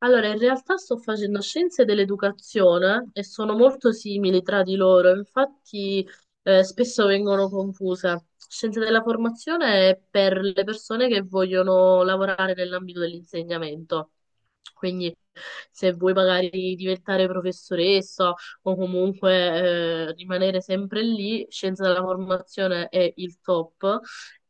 Allora, in realtà sto facendo scienze dell'educazione e sono molto simili tra di loro, infatti spesso vengono confuse. Scienze della formazione è per le persone che vogliono lavorare nell'ambito dell'insegnamento. Quindi se vuoi magari diventare professoressa o comunque rimanere sempre lì, scienze della formazione è il top.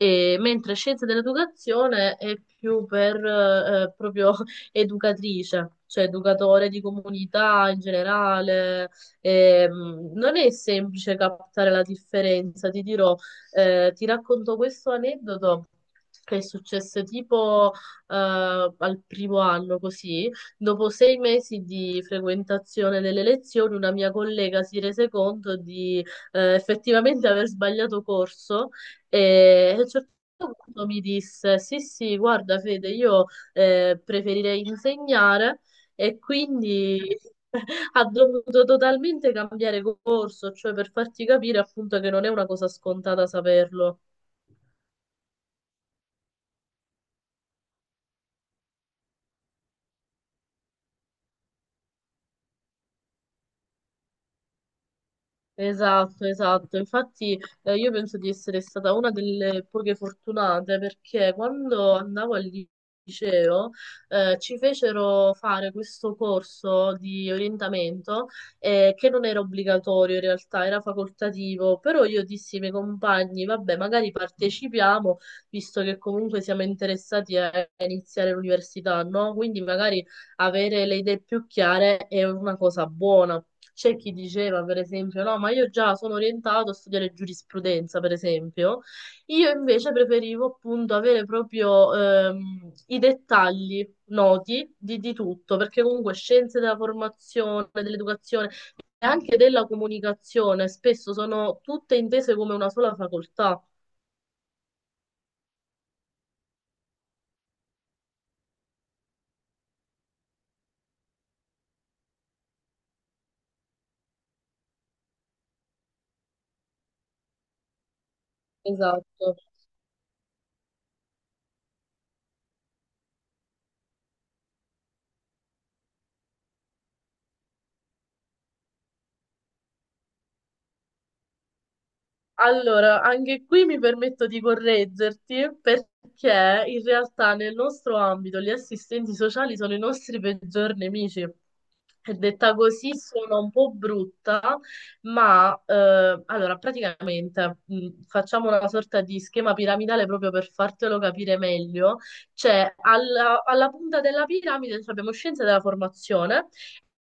E mentre scienze dell'educazione è più per proprio educatrice, cioè educatore di comunità in generale. Non è semplice captare la differenza, ti dirò, ti racconto questo aneddoto. Che è successo tipo al primo anno così, dopo 6 mesi di frequentazione delle lezioni, una mia collega si rese conto di effettivamente aver sbagliato corso e a un certo punto mi disse: sì, sì, guarda, Fede, io preferire insegnare e quindi ha dovuto totalmente cambiare corso, cioè per farti capire appunto che non è una cosa scontata saperlo. Esatto, esatto. Infatti, io penso di essere stata una delle poche fortunate perché quando andavo al liceo, ci fecero fare questo corso di orientamento, che non era obbligatorio in realtà, era facoltativo, però io dissi ai miei compagni, vabbè, magari partecipiamo, visto che comunque siamo interessati a iniziare l'università, no? Quindi magari avere le idee più chiare è una cosa buona. C'è chi diceva, per esempio, no, ma io già sono orientato a studiare giurisprudenza, per esempio. Io invece preferivo appunto avere proprio i dettagli noti di tutto, perché comunque scienze della formazione, dell'educazione e anche della comunicazione spesso sono tutte intese come una sola facoltà. Esatto. Allora, anche qui mi permetto di correggerti perché in realtà nel nostro ambito gli assistenti sociali sono i nostri peggior nemici. E detta così sono un po' brutta, ma allora praticamente facciamo una sorta di schema piramidale proprio per fartelo capire meglio. Cioè, alla punta della piramide cioè, abbiamo scienze della formazione,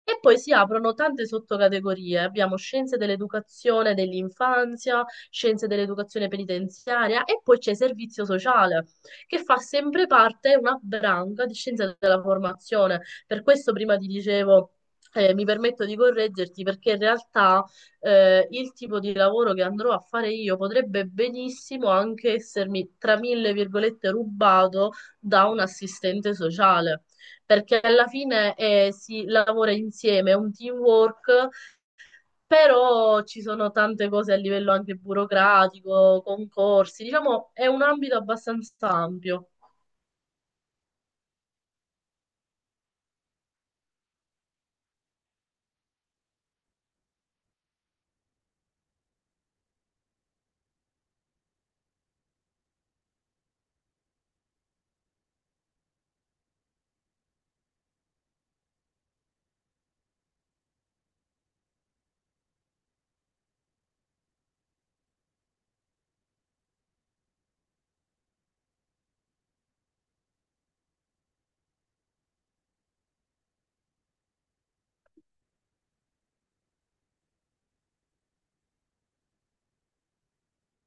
e poi si aprono tante sottocategorie. Abbiamo scienze dell'educazione, dell'infanzia, scienze dell'educazione penitenziaria e poi c'è servizio sociale, che fa sempre parte una branca di scienze della formazione. Per questo prima ti dicevo. Mi permetto di correggerti perché in realtà il tipo di lavoro che andrò a fare io potrebbe benissimo anche essermi, tra mille virgolette, rubato da un assistente sociale, perché alla fine si lavora insieme, è un teamwork, però ci sono tante cose a livello anche burocratico, concorsi, diciamo è un ambito abbastanza ampio.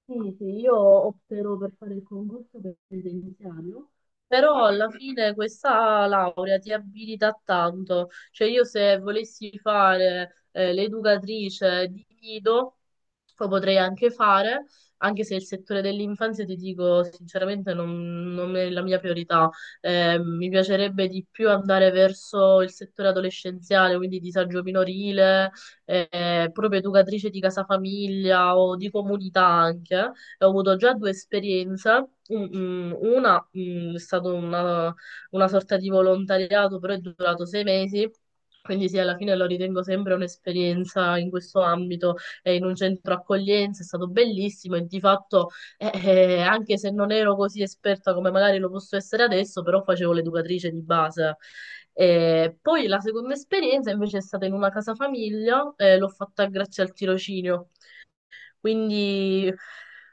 Sì, sì, io opterò per fare il concorso per presenziario, però alla fine questa laurea ti abilita a tanto. Cioè io se volessi fare l'educatrice di nido, lo potrei anche fare, anche se il settore dell'infanzia ti dico sinceramente non è la mia priorità. Mi piacerebbe di più andare verso il settore adolescenziale, quindi disagio minorile proprio educatrice di casa famiglia o di comunità anche, e ho avuto già 2 esperienze. Una, è stata una sorta di volontariato, però è durato 6 mesi. Quindi sì, alla fine lo ritengo sempre un'esperienza in questo ambito e in un centro accoglienza, è stato bellissimo e di fatto anche se non ero così esperta come magari lo posso essere adesso, però facevo l'educatrice di base. Poi la seconda esperienza invece è stata in una casa famiglia, l'ho fatta grazie al tirocinio, quindi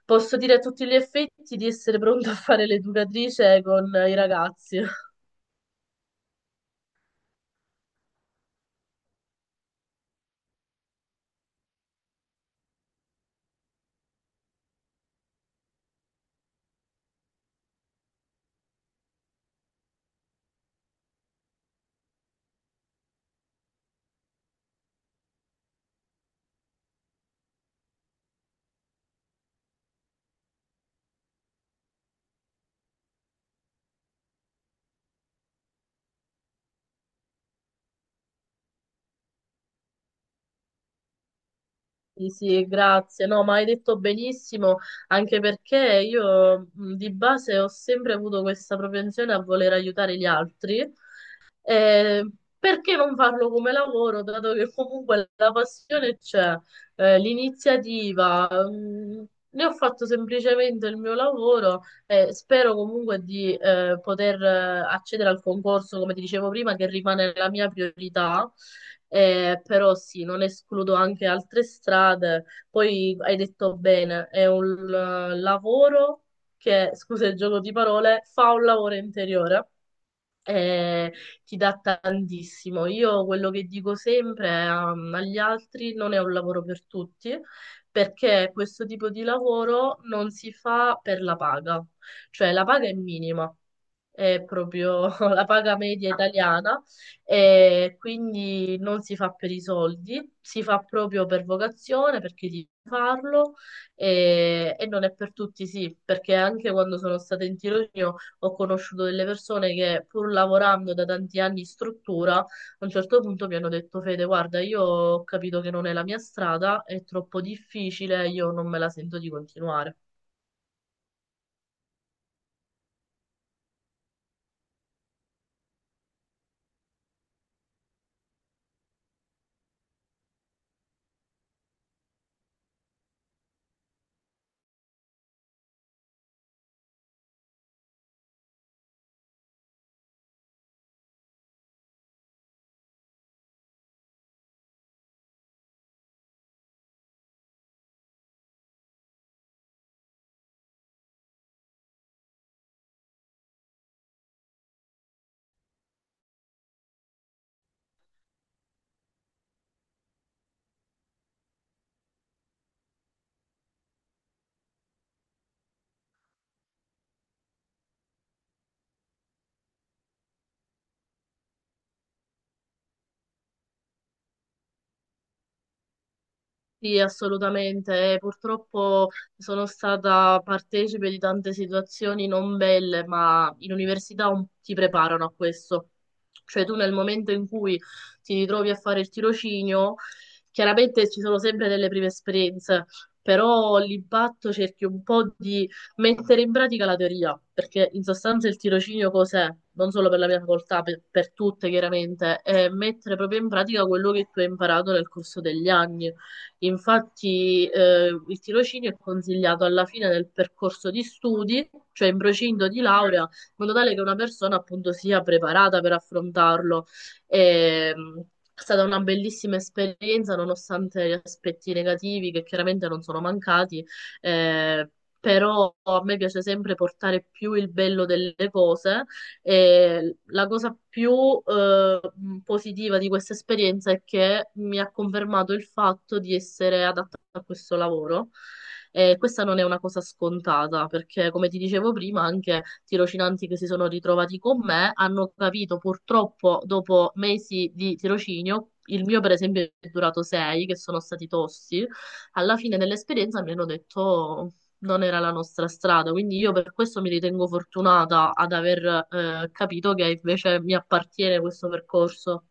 posso dire a tutti gli effetti di essere pronta a fare l'educatrice con i ragazzi. Sì, sì, grazie. No, ma hai detto benissimo, anche perché io di base ho sempre avuto questa propensione a voler aiutare gli altri. Eh, perché non farlo come lavoro, dato che comunque la passione c'è, l'iniziativa, ne ho fatto semplicemente il mio lavoro e spero comunque di poter accedere al concorso, come ti dicevo prima, che rimane la mia priorità. Però sì, non escludo anche altre strade. Poi hai detto bene, è un lavoro che, scusa il gioco di parole, fa un lavoro interiore e ti dà tantissimo. Io quello che dico sempre agli altri non è un lavoro per tutti, perché questo tipo di lavoro non si fa per la paga, cioè la paga è minima, è proprio la paga media italiana, e quindi non si fa per i soldi, si fa proprio per vocazione, perché devi farlo e, non è per tutti, sì, perché anche quando sono stata in tirocinio ho conosciuto delle persone che pur lavorando da tanti anni in struttura, a un certo punto mi hanno detto: Fede, guarda, io ho capito che non è la mia strada, è troppo difficile, io non me la sento di continuare. Sì, assolutamente. Purtroppo sono stata partecipe di tante situazioni non belle, ma in università ti preparano a questo. Cioè tu nel momento in cui ti ritrovi a fare il tirocinio, chiaramente ci sono sempre delle prime esperienze, però l'impatto cerchi un po' di mettere in pratica la teoria, perché in sostanza il tirocinio cos'è? Non solo per la mia facoltà, per tutte chiaramente, è mettere proprio in pratica quello che tu hai imparato nel corso degli anni. Infatti, il tirocinio è consigliato alla fine del percorso di studi, cioè in procinto di laurea, in modo tale che una persona appunto sia preparata per affrontarlo. E, è stata una bellissima esperienza, nonostante gli aspetti negativi che chiaramente non sono mancati, eh, però a me piace sempre portare più il bello delle cose e la cosa più eh, positiva di questa esperienza è che mi ha confermato il fatto di essere adatta a questo lavoro. E questa non è una cosa scontata, perché come ti dicevo prima, anche tirocinanti che si sono ritrovati con me hanno capito purtroppo dopo mesi di tirocinio. Il mio, per esempio, è durato sei, che sono stati tosti. Alla fine dell'esperienza mi hanno detto: non era la nostra strada, quindi io per questo mi ritengo fortunata ad aver capito che invece mi appartiene questo percorso.